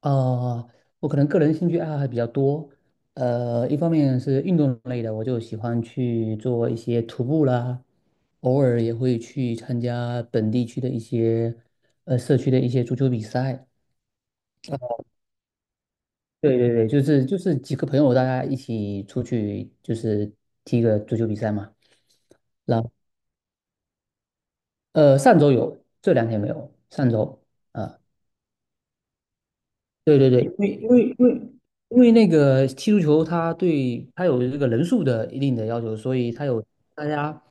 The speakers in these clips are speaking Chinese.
呃，我可能个人兴趣爱好还比较多，一方面是运动类的，我就喜欢去做一些徒步啦，偶尔也会去参加本地区的一些社区的一些足球比赛。呃对对对，就是几个朋友大家一起出去，就是踢个足球比赛嘛。然后上周有，这两天没有，上周。啊。对对对，因为那个踢足球，它有这个人数的一定的要求，所以它有大家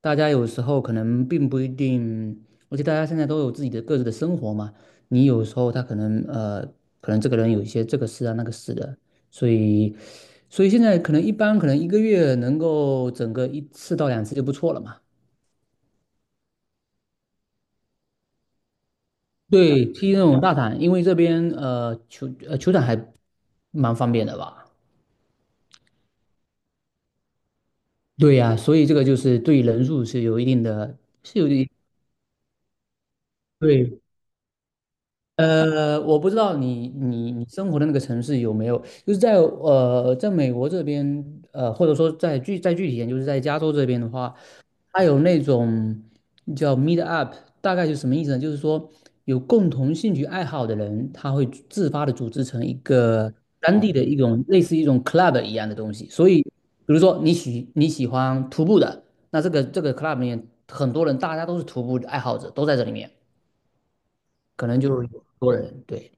大家有时候可能并不一定，而且大家现在都有自己的各自的生活嘛，你有时候他可能这个人有一些这个事啊那个事的，所以所以现在可能一般可能1个月能够整个1次到2次就不错了嘛。对，踢那种大场，因为这边球场还蛮方便的吧。对呀，所以这个就是对人数是有一定的，对，我不知道你生活的那个城市有没有，就是在美国这边，或者说在具体一点，就是在加州这边的话，它有那种叫 meet up，大概就是什么意思呢？就是说有共同兴趣爱好的人，他会自发的组织成一个当地的一种类似一种 club 一样的东西。所以，比如说你喜欢徒步的，那这个 club 里面很多人，大家都是徒步爱好者，都在这里面，可能就是有很多人。对，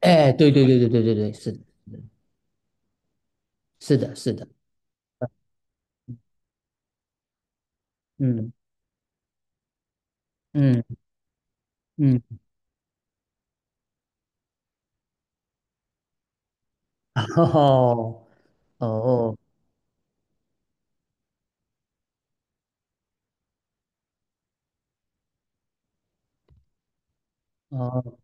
哎，对对对对对对对，是的，是的，是的，嗯嗯嗯，哦哦哦。哦，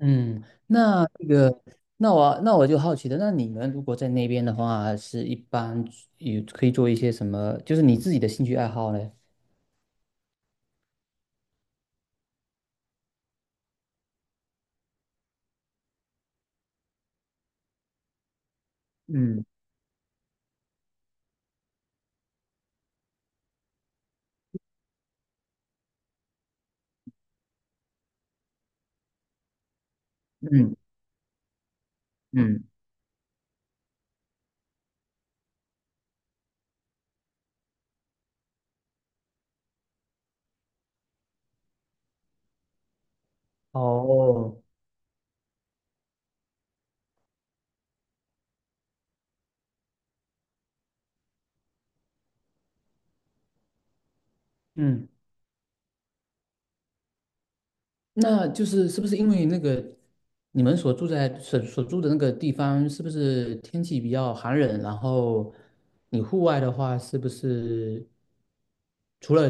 嗯，那这个，那我就好奇的，那你们如果在那边的话，是一般有可以做一些什么？就是你自己的兴趣爱好呢？嗯嗯嗯，哦，嗯，那就是是不是因为那个你们所住的那个地方，是不是天气比较寒冷？然后你户外的话，是不是除了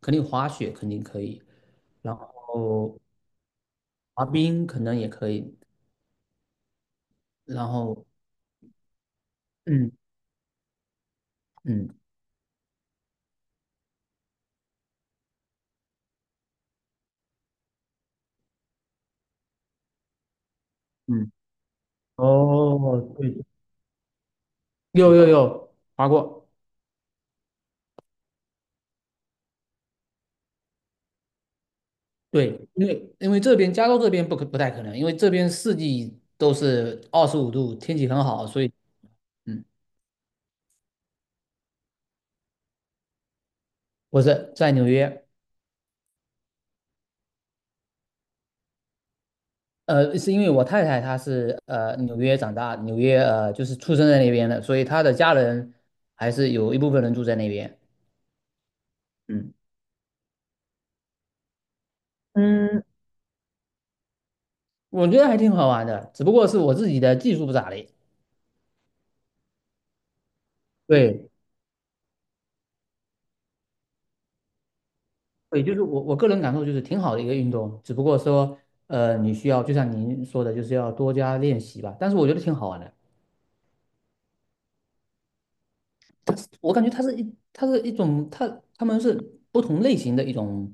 肯定滑雪肯定可以，然后滑冰可能也可以，然后，嗯嗯嗯，哦，对，有划过，对，因为这边加州这边不太可能，因为这边四季都是25度，天气很好，所以嗯，不是在纽约，是因为我太太她是纽约长大，纽约就是出生在那边的，所以她的家人还是有一部分人住在那边，嗯，嗯，我觉得还挺好玩的，只不过是我自己的技术不咋地，对，对，就是我个人感受就是挺好的一个运动，只不过说，你需要就像您说的，就是要多加练习吧。但是我觉得挺好玩的，我感觉它是一种它它们是不同类型的一种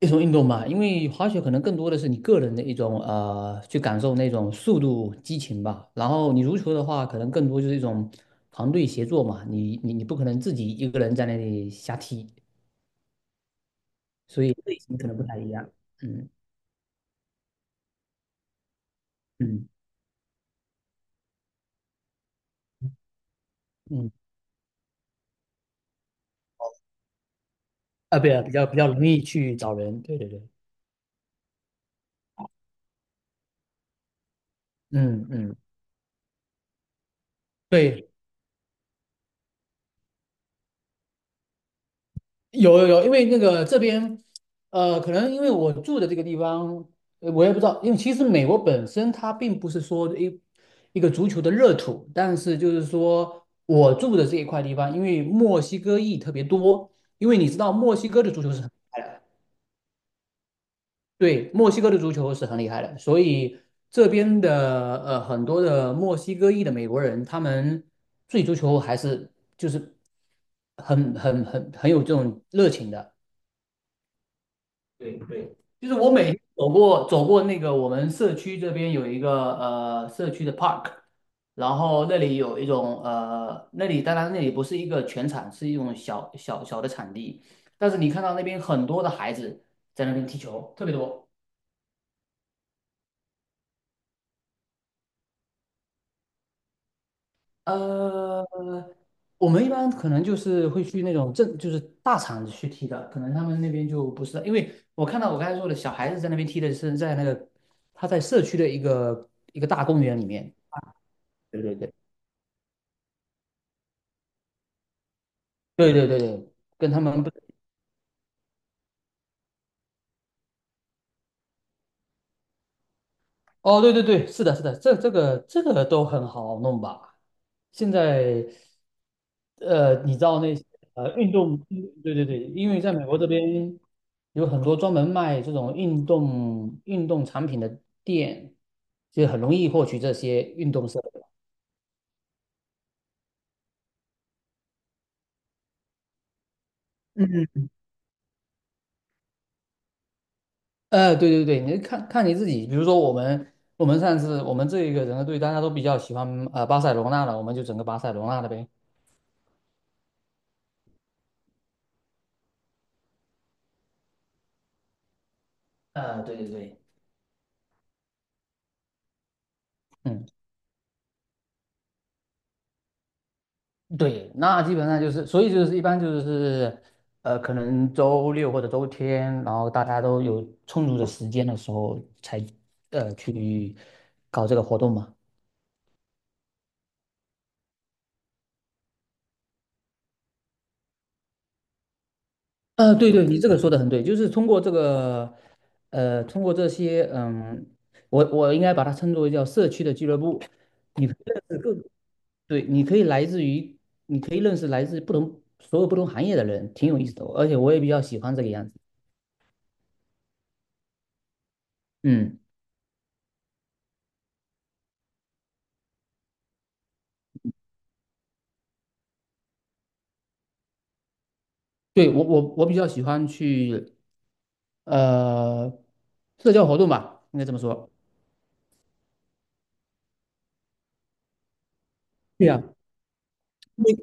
一种运动吧。因为滑雪可能更多的是你个人的一种去感受那种速度激情吧。然后你足球的话，可能更多就是一种团队协作嘛。你不可能自己一个人在那里瞎踢，类型可能不太一样。嗯嗯嗯。啊，对啊，比较容易去找人，对对对，嗯嗯，对，有有有，因为那个这边，可能因为我住的这个地方，我也不知道，因为其实美国本身它并不是说一个足球的热土，但是就是说我住的这一块地方，因为墨西哥裔特别多，因为你知道墨西哥的足球是很厉害的，对，墨西哥的足球是很厉害的，所以这边的很多的墨西哥裔的美国人，他们对足球还是就是很有这种热情的。对对，就是我每天走过那个我们社区这边有一个社区的 park，然后那里有那里当然那里不是一个全场，是一种小小的场地，但是你看到那边很多的孩子在那边踢球，特别多。呃，我们一般可能就是会去那种就是大厂子去踢的，可能他们那边就不是，因为我看到我刚才说的小孩子在那边踢的是在那个他在社区的一个大公园里面，对对对，对对对对，跟他们不，哦，对对对，是的，是的，这个都很好弄吧？现在，你知道那些运动，对对对，因为在美国这边有很多专门卖这种运动产品的店，就很容易获取这些运动设备。嗯，对对对，你看看你自己，比如说我们上次我们这一个整个队大家都比较喜欢巴塞罗那了，我们就整个巴塞罗那的呗。对对对。嗯。对，那基本上就是，所以就是一般就是，可能周六或者周天，然后大家都有充足的时间的时候才，去搞这个活动嘛。对对，你这个说的很对，就是通过这个，通过这些，嗯，我应该把它称作为叫社区的俱乐部，你可以认识对，你可以来自于，你可以认识来自不同所有不同行业的人，挺有意思的哦，而且我也比较喜欢这个样子，嗯。对，我比较喜欢去，呃社交活动吧，应该这么说。对呀，因为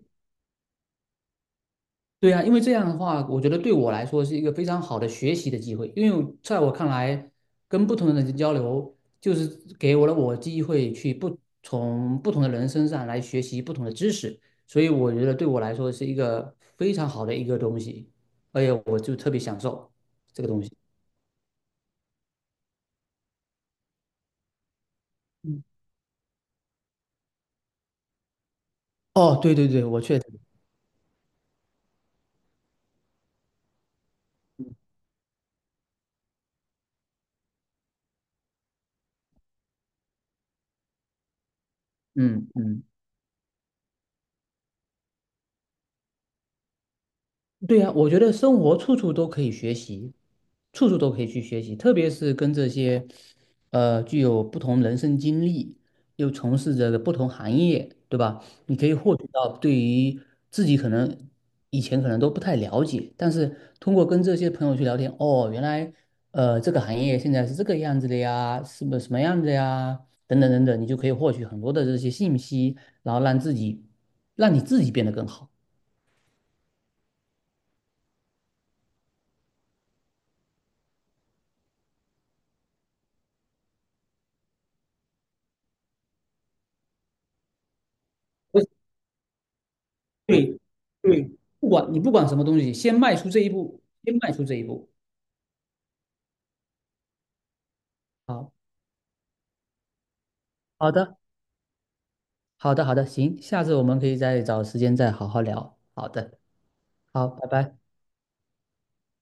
对呀，因为这样的话，我觉得对我来说是一个非常好的学习的机会。因为在我看来，跟不同的人交流，就是给我了我机会去不从不同的人身上来学习不同的知识，所以我觉得对我来说是一个非常好的一个东西，而且我就特别享受这个东西。嗯，哦，对对对，我确实，嗯嗯。对呀，我觉得生活处处都可以学习，处处都可以去学习，特别是跟这些，具有不同人生经历，又从事着不同行业，对吧？你可以获取到对于自己可能以前可能都不太了解，但是通过跟这些朋友去聊天，哦，原来，这个行业现在是这个样子的呀，是不什么样子呀？等等等等，你就可以获取很多的这些信息，然后让自己，让你自己变得更好。对对，不管什么东西，先迈出这一步，先迈出这一步。好，好的，好的，好的，行，下次我们可以再找时间再好好聊。好的，好，拜拜。